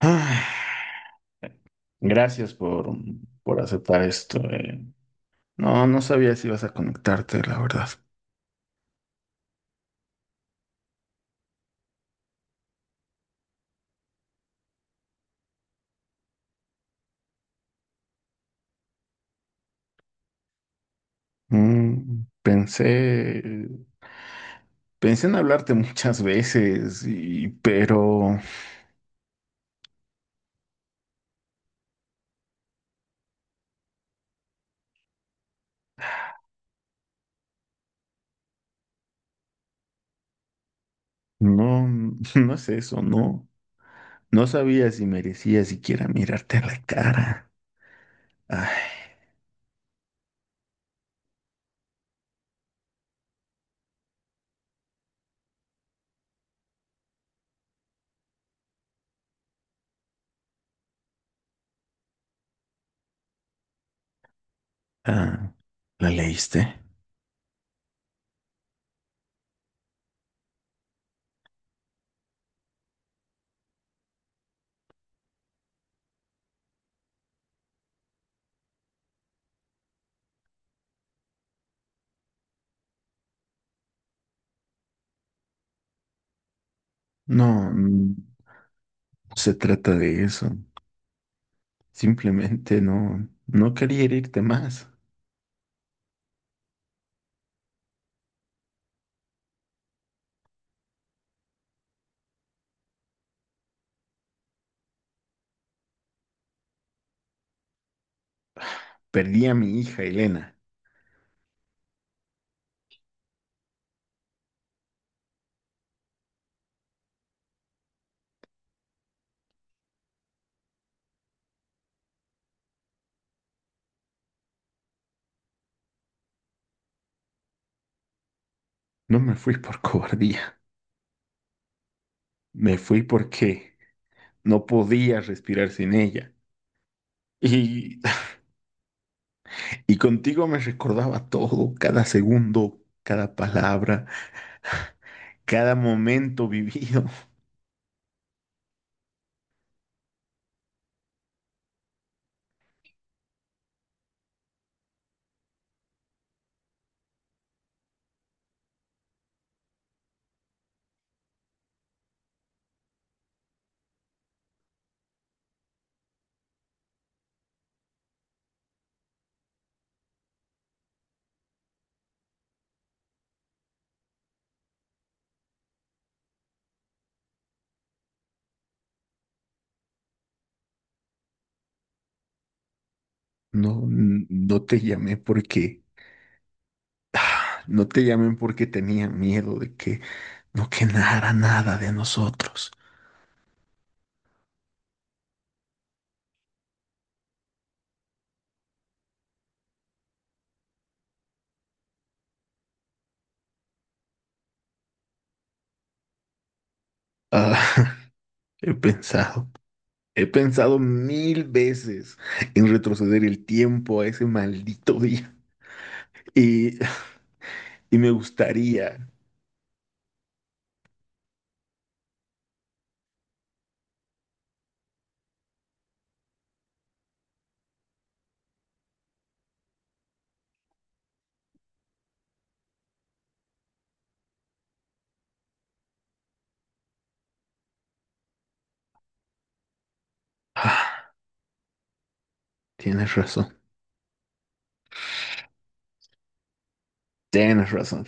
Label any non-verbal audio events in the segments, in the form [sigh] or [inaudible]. Ah, Gracias por aceptar esto. No sabía si ibas a conectarte, la verdad. Mm, pensé, Pensé en hablarte muchas veces, pero no, no es eso, no. No sabía si merecía siquiera mirarte a la cara. Ay, ah, ¿La leíste? No, mm, no se trata de eso. Simplemente no quería herirte más. Perdí a mi hija, Elena. No me fui por [laughs] cobardía, me fui porque no podía respirar sin ella. Y, y contigo me recordaba todo, cada segundo, cada palabra, [laughs] cada momento vivido. [laughs] No te llamé, [sighs] no te llamé porque tenía miedo de que no quedara nada de nosotros. Ah, [laughs] he pensado, He pensado mil veces en retroceder el tiempo a ese maldito día. Y Y me gustaría. Ah, Tienes razón. Tienes razón.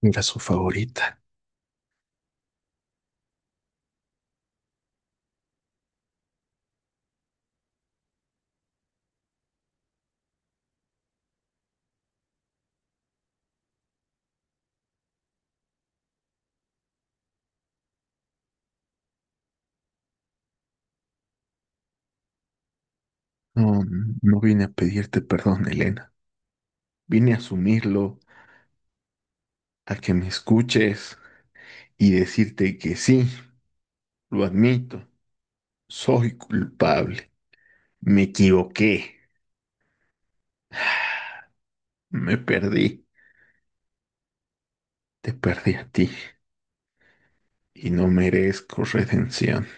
Era su favorita. No, no vine a pedirte perdón, Elena. Vine a asumirlo, a que me escuches y decirte que sí, lo admito. Soy culpable. Me equivoqué. [sighs] Me perdí. Te perdí a ti. Y no merezco redención.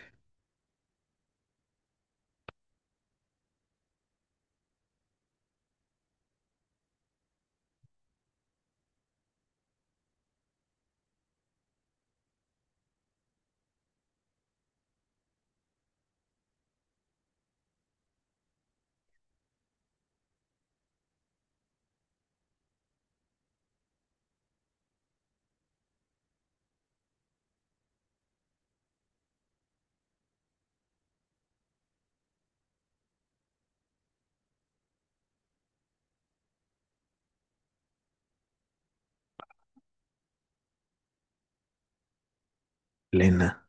Elena,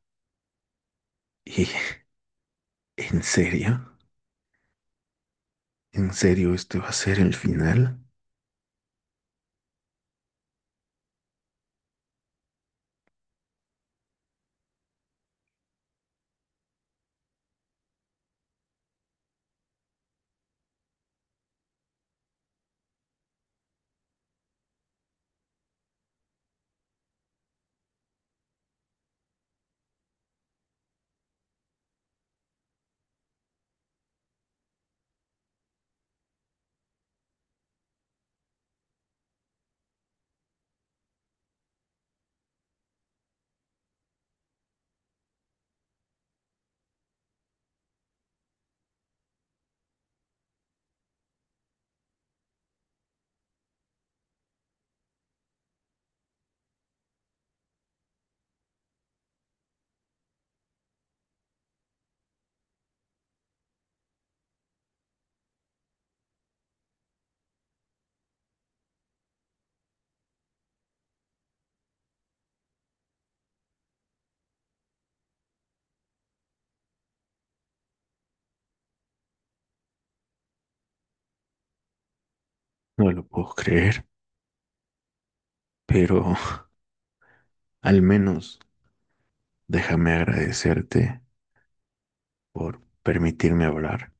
¿y en serio? ¿En serio este va a ser el final? No lo puedo creer, pero al menos déjame agradecerte por permitirme hablar,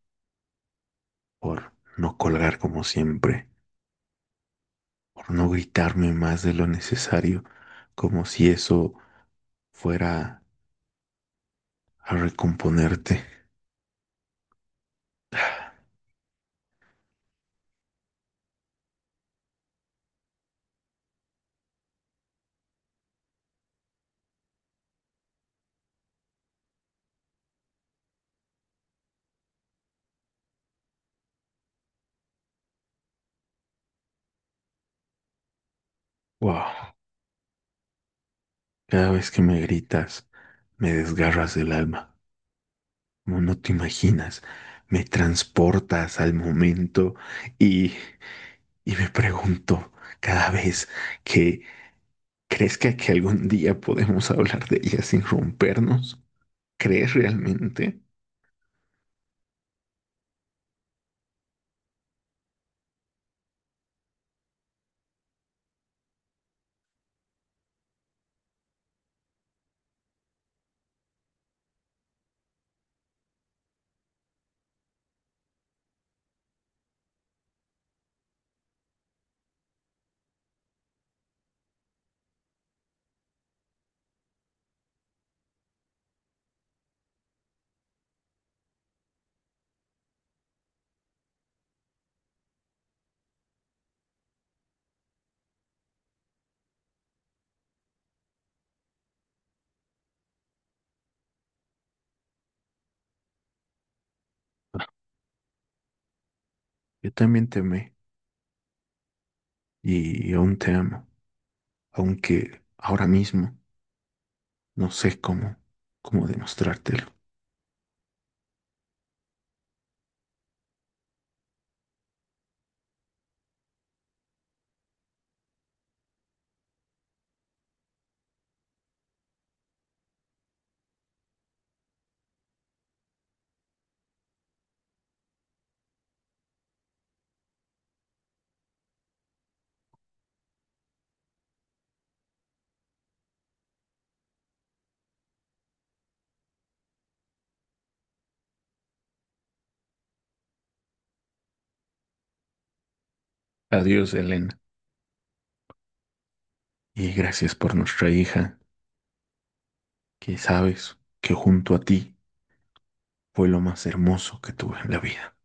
por no colgar como siempre, por no gritarme más de lo necesario, como si eso fuera a recomponerte. Wow, cada vez que me gritas, me desgarras del alma. Como no te imaginas, me transportas al momento y, y me pregunto cada vez que ¿crees que algún día podemos hablar de ella sin rompernos? ¿Crees realmente? Yo también te amé y aún te amo, aunque ahora mismo no sé cómo demostrártelo. Adiós, Elena, y gracias por nuestra hija, que sabes que junto a ti fue lo más hermoso que tuve en la vida.